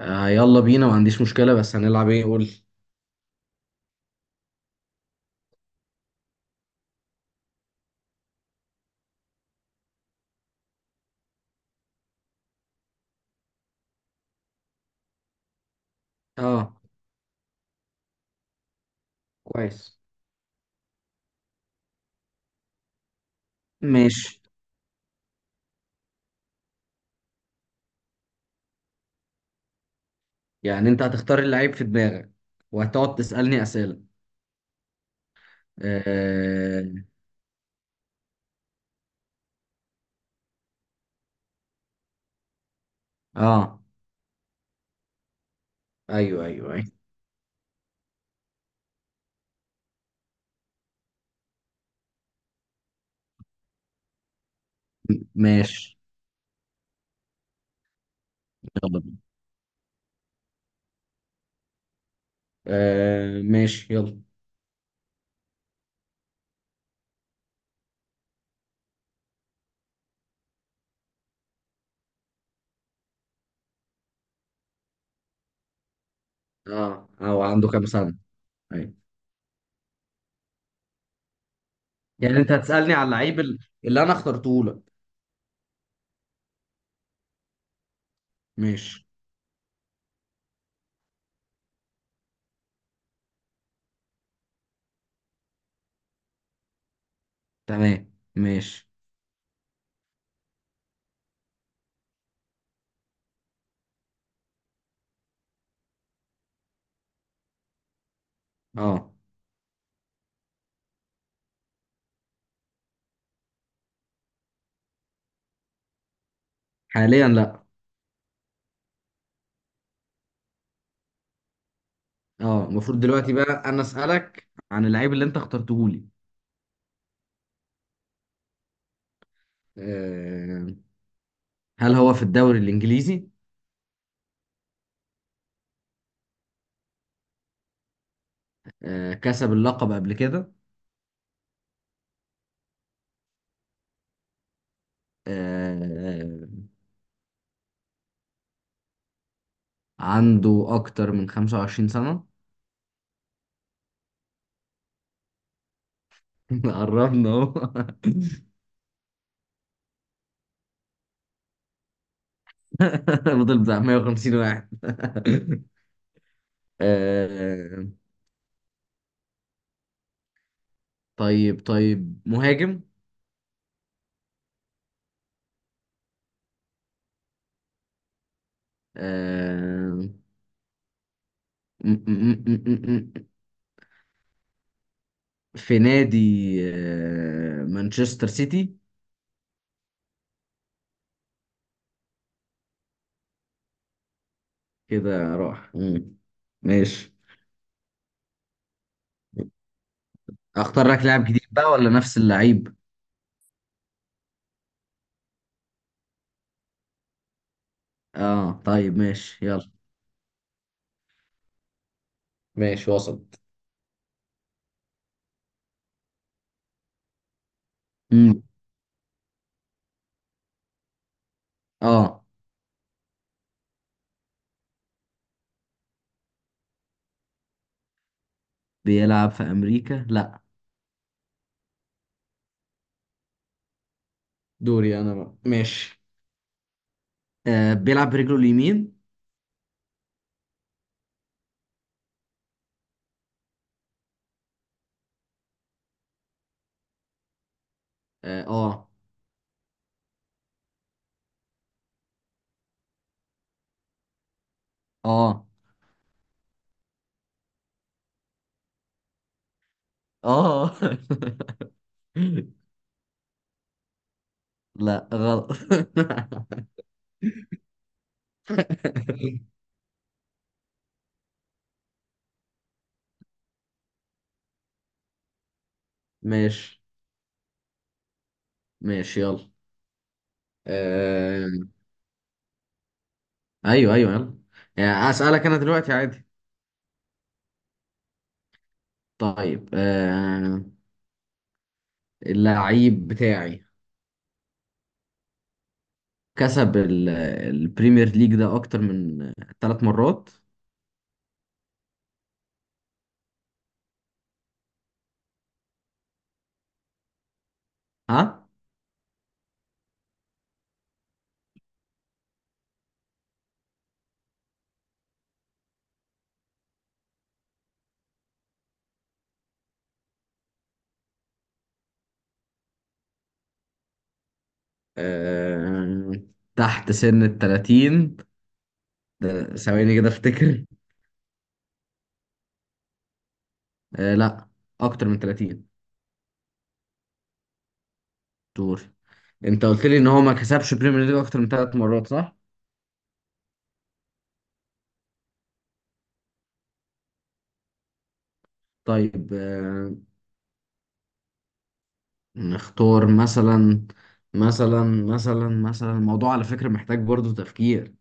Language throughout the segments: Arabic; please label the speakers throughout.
Speaker 1: آه يلا بينا، ما عنديش مشكلة، بس هنلعب ايه؟ قول لي. اه، كويس. ماشي. يعني انت هتختار اللعيب في دماغك وهتقعد تسألني أسئلة؟ اه، آه. ايوه ايوه ايوه، ماشي يلا بينا. آه ماشي، يلا. اه، هو عنده كام سنة؟ ايوه. يعني انت هتسألني على اللعيب اللي انا اخترته لك؟ ماشي. تمام ماشي. اه. حاليا لا. اه، المفروض دلوقتي بقى انا أسألك عن اللعيب اللي انت اخترته لي. آه، هل هو في الدوري الإنجليزي؟ آه، كسب اللقب قبل كده؟ آه، عنده أكتر من 25 سنة؟ قربنا أهو. فضل بتاع 150 واحد. آه، طيب مهاجم؟ آه، م- م- م- م- في نادي، آه، مانشستر سيتي؟ كده راح. مم. ماشي، اختار لك لاعب جديد بقى ولا نفس اللعيب؟ اه طيب ماشي يلا. ماشي وسط. مم. اه. بيلعب في امريكا؟ لا، دوري انا بقى، ماشي. آه، بيلعب برجله اليمين؟ اه اه اه. آه. لا غلط. ماشي ماشي يلا. آه، ايوه ايوه يلا. يعني اسالك انا دلوقتي عادي؟ طيب. آه، اللعيب بتاعي كسب البريمير ليج ده اكتر من ثلاث مرات؟ ها؟ آه، تحت سن ال 30؟ ده ثواني كده افتكر. آه، لا، اكتر من 30. دور. انت قلت لي ان هو ما كسبش بريمير ليج اكتر من ثلاث مرات، صح؟ طيب، آه، نختار مثلا الموضوع على فكرة محتاج برضو تفكير.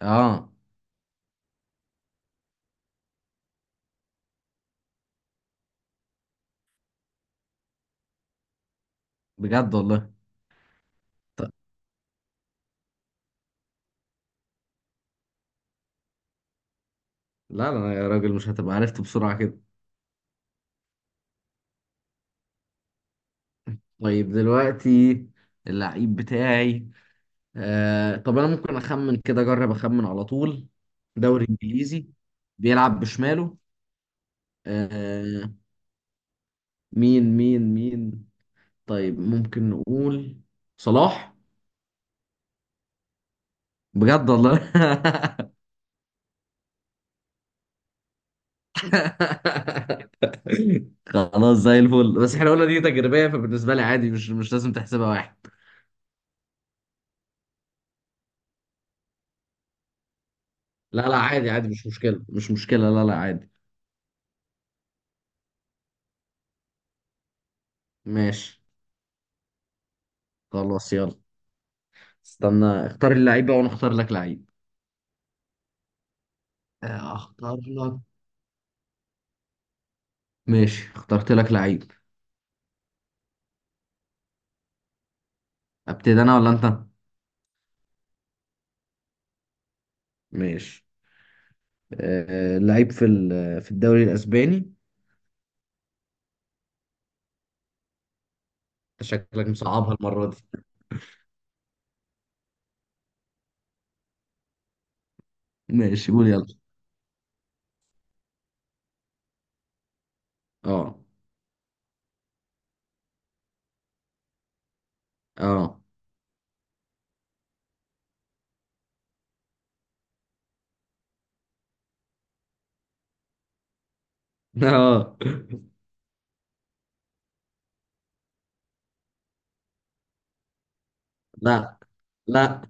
Speaker 1: اه، بجد والله. ط- لا لا يا راجل، مش هتبقى عرفت بسرعة كده. طيب دلوقتي، اللعيب بتاعي، آه طب انا ممكن اخمن كده، اجرب اخمن على طول. دوري انجليزي، بيلعب بشماله، آه، مين؟ طيب ممكن نقول صلاح. بجد والله. خلاص، زي الفل، بس احنا قلنا دي تجريبية، فبالنسبة لي عادي، مش لازم تحسبها واحد. لا لا، عادي عادي، مش مشكلة، لا لا، عادي. ماشي، خلاص يلا. استنى اختار اللعيب بقى وانا اختار لك لعيب. آه، اختار لك. ماشي، اخترت لك لعيب. ابتدي انا ولا انت؟ ماشي. آه، لعيب في في الدوري الاسباني. انت شكلك مصعبها المره دي. ماشي قول يلا. اه اه. اه، لا لا.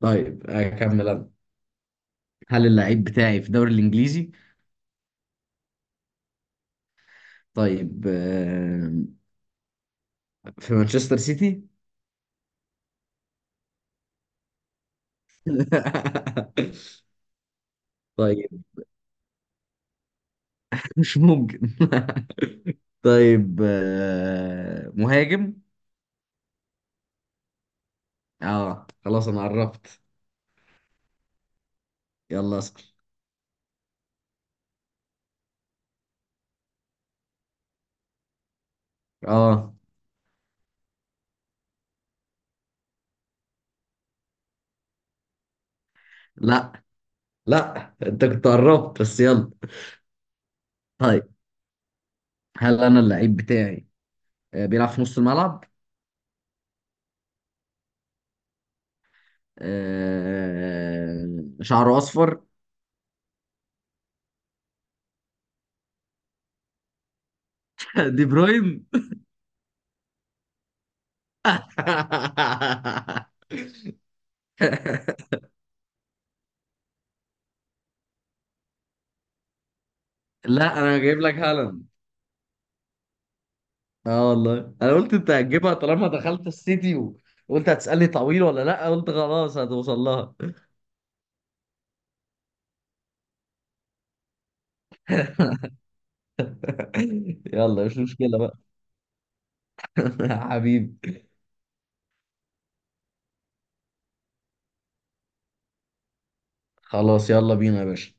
Speaker 1: طيب اكمل انا. هل اللعيب بتاعي في الدوري الانجليزي؟ طيب آه، في مانشستر سيتي؟ طيب، مش ممكن. طيب آه، مهاجم؟ اه، خلاص انا عرفت. يلا اسال. اه، لا لا، انت كنت قربت بس يلا. طيب، هل انا اللعيب بتاعي، آه، بيلعب في نص الملعب؟ آه، شعره اصفر؟ دي بروين. لا، انا جايب لك هالاند. اه والله، انا قلت انت هتجيبها طالما دخلت السيتي، وقلت هتسألني طويل ولا لا، قلت خلاص هتوصل لها. يلا مش مشكلة بقى. حبيبي، خلاص يلا بينا يا باشا.